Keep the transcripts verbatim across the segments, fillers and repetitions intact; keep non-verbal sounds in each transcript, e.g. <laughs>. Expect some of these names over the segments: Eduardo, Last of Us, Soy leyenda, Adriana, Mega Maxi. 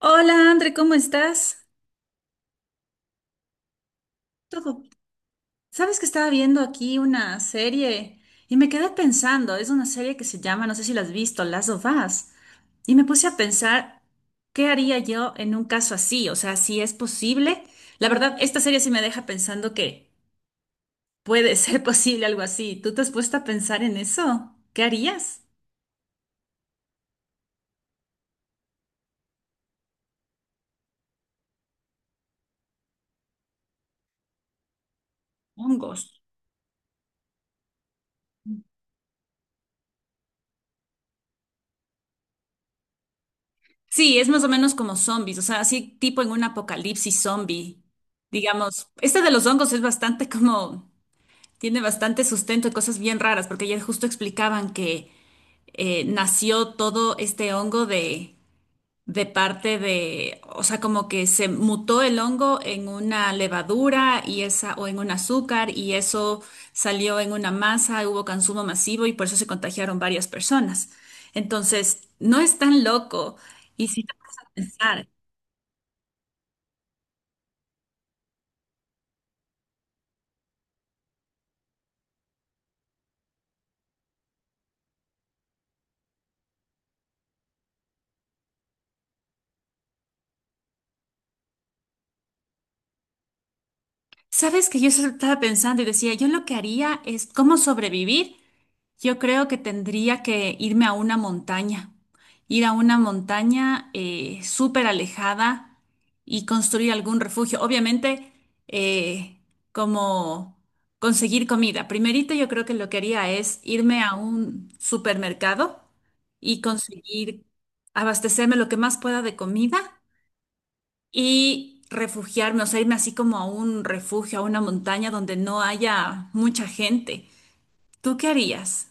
Hola, André, ¿cómo estás? Todo. Sabes que estaba viendo aquí una serie y me quedé pensando, es una serie que se llama, no sé si la has visto, Last of Us, y me puse a pensar, ¿qué haría yo en un caso así? O sea, si es posible. La verdad, esta serie sí me deja pensando que puede ser <laughs> posible algo así. ¿Tú te has puesto a pensar en eso? ¿Qué harías? Hongos. Sí, es más o menos como zombies, o sea, así tipo en un apocalipsis zombie. Digamos, este de los hongos es bastante como. Tiene bastante sustento y cosas bien raras, porque ayer justo explicaban que eh, nació todo este hongo de, de parte de, o sea, como que se mutó el hongo en una levadura y esa, o en un azúcar, y eso salió en una masa, hubo consumo masivo y por eso se contagiaron varias personas. Entonces, no es tan loco. Y si te pones a pensar, sabes que yo solo estaba pensando y decía, yo lo que haría es cómo sobrevivir. Yo creo que tendría que irme a una montaña, ir a una montaña eh, súper alejada y construir algún refugio. Obviamente, eh, como conseguir comida. Primerito, yo creo que lo que haría es irme a un supermercado y conseguir abastecerme lo que más pueda de comida y refugiarme, o sea, irme así como a un refugio, a una montaña donde no haya mucha gente. ¿Tú qué harías?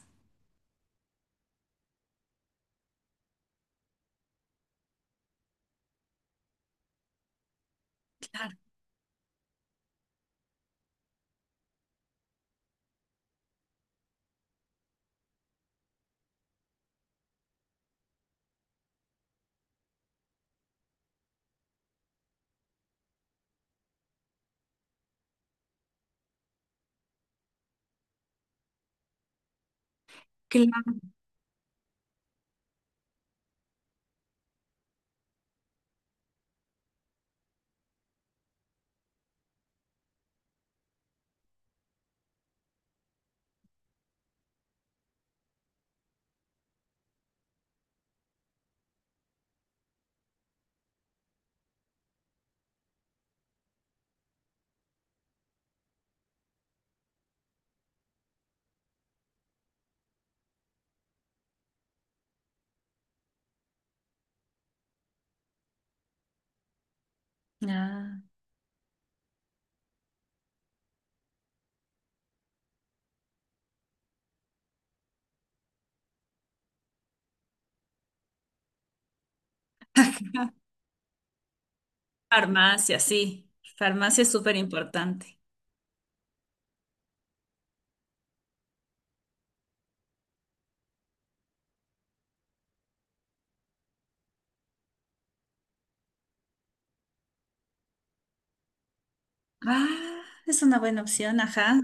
Claro. Ah. <laughs> Farmacia, sí. Farmacia es súper importante. Ah, es una buena opción, ajá.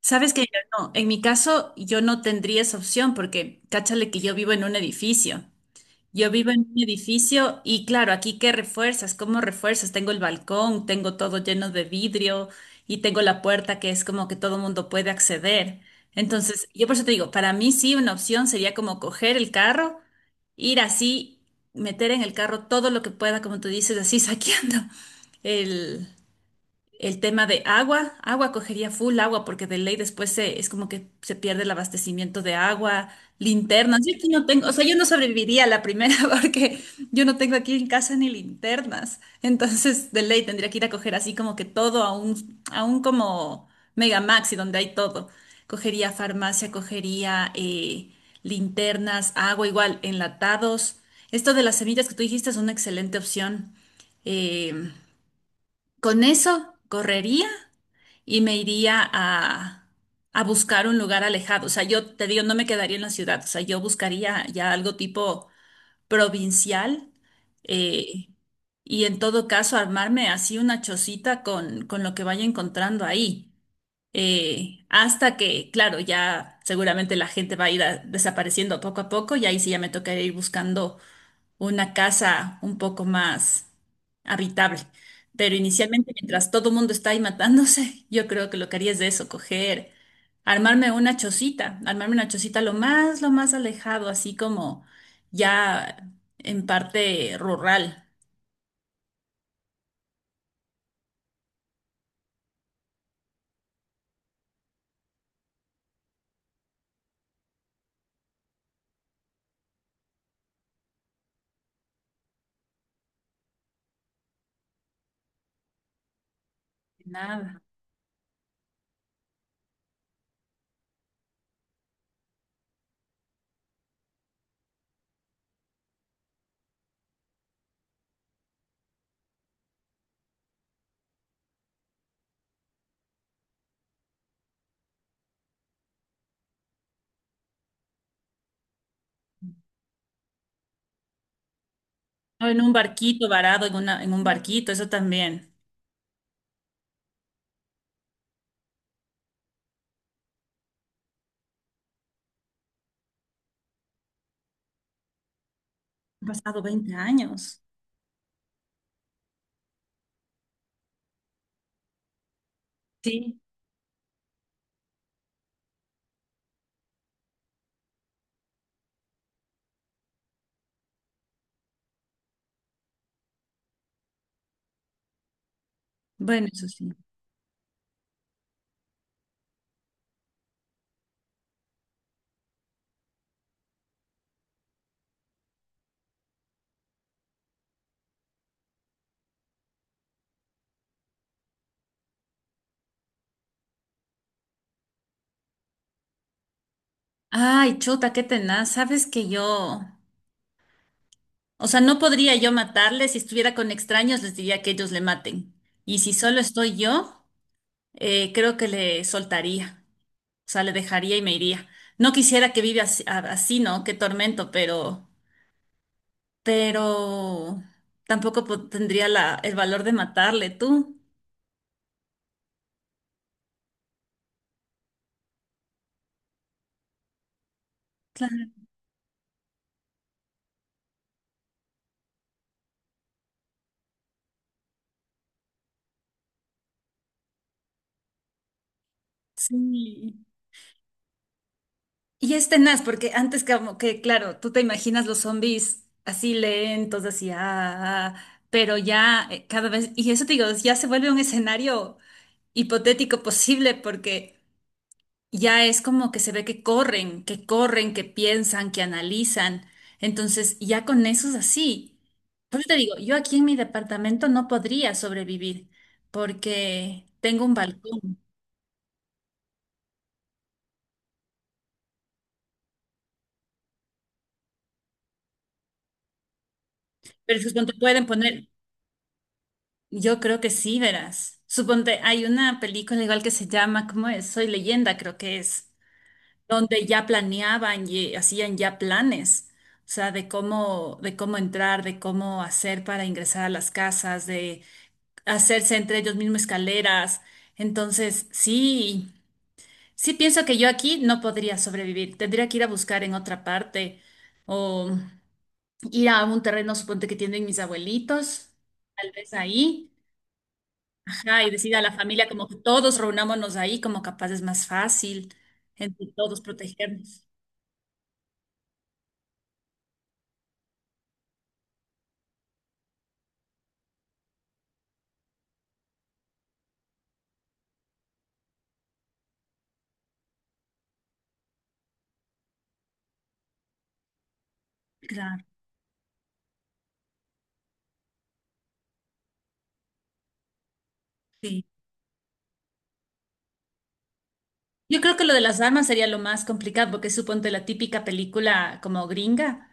Sabes que yo no, en mi caso yo no tendría esa opción porque cáchale que yo vivo en un edificio. Yo vivo en un edificio y claro, aquí qué refuerzas, cómo refuerzas. Tengo el balcón, tengo todo lleno de vidrio y tengo la puerta que es como que todo mundo puede acceder. Entonces, yo por eso te digo, para mí sí una opción sería como coger el carro, ir así, meter en el carro todo lo que pueda, como tú dices, así <laughs> saqueando el, el tema de agua, agua cogería full agua porque de ley después se, es como que se pierde el abastecimiento de agua, linternas. Yo aquí no tengo, o sea, yo no sobreviviría a la primera <laughs> porque yo no tengo aquí en casa ni linternas. Entonces, de ley tendría que ir a coger así como que todo a un, a un como Mega Maxi donde hay todo. Cogería farmacia, cogería eh, linternas, agua igual, enlatados. Esto de las semillas que tú dijiste es una excelente opción. Eh, con eso correría y me iría a, a buscar un lugar alejado. O sea, yo te digo, no me quedaría en la ciudad. O sea, yo buscaría ya algo tipo provincial eh, y en todo caso armarme así una chocita con, con lo que vaya encontrando ahí. Eh, hasta que, claro, ya seguramente la gente va a ir a- desapareciendo poco a poco y ahí sí ya me tocaría ir buscando una casa un poco más habitable. Pero inicialmente, mientras todo el mundo está ahí matándose, <laughs> yo creo que lo que haría es de eso, coger, armarme una chocita, armarme una chocita lo más, lo más alejado, así como ya en parte rural. Nada. O en un barquito varado, en una, en un barquito, eso también. Han pasado veinte años. Sí. Bueno, eso sí. Ay, chuta, qué tenaz. Sabes que yo. O sea, no podría yo matarle. Si estuviera con extraños, les diría que ellos le maten. Y si solo estoy yo, eh, creo que le soltaría. O sea, le dejaría y me iría. No quisiera que viva así, a- así, ¿no? Qué tormento, pero, pero tampoco po- tendría la, el valor de matarle. ¿Tú? Claro, sí. Y es tenaz, porque antes como que, claro, tú te imaginas los zombies así lentos, así, ah, ah, ah, pero ya eh, cada vez, y eso te digo, ya se vuelve un escenario hipotético posible, porque ya es como que se ve que corren, que corren, que piensan, que analizan. Entonces, ya con eso es así. Por eso te digo, yo aquí en mi departamento no podría sobrevivir, porque tengo un balcón, pero es que cuando pueden poner... Yo creo que sí, verás. Suponte, hay una película igual que se llama, ¿cómo es? Soy leyenda, creo que es, donde ya planeaban y hacían ya planes, o sea, de cómo, de cómo entrar, de cómo hacer para ingresar a las casas, de hacerse entre ellos mismos escaleras. Entonces, sí, sí pienso que yo aquí no podría sobrevivir. Tendría que ir a buscar en otra parte o ir a un terreno, suponte que tienen mis abuelitos, tal vez ahí. Ajá, y decir a la familia como que todos reunámonos ahí, como capaz es más fácil entre todos protegernos. Claro, sí. Yo creo que lo de las armas sería lo más complicado, porque suponte la típica película como gringa,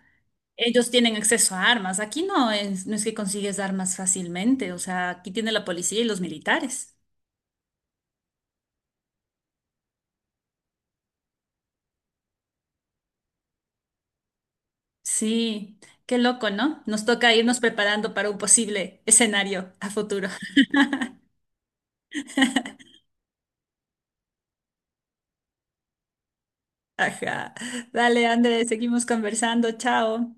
ellos tienen acceso a armas. Aquí no es, no es que consigues armas fácilmente, o sea, aquí tiene la policía y los militares. Sí, qué loco, ¿no? Nos toca irnos preparando para un posible escenario a futuro. <laughs> Ajá. Dale, Andrés, seguimos conversando. Chao.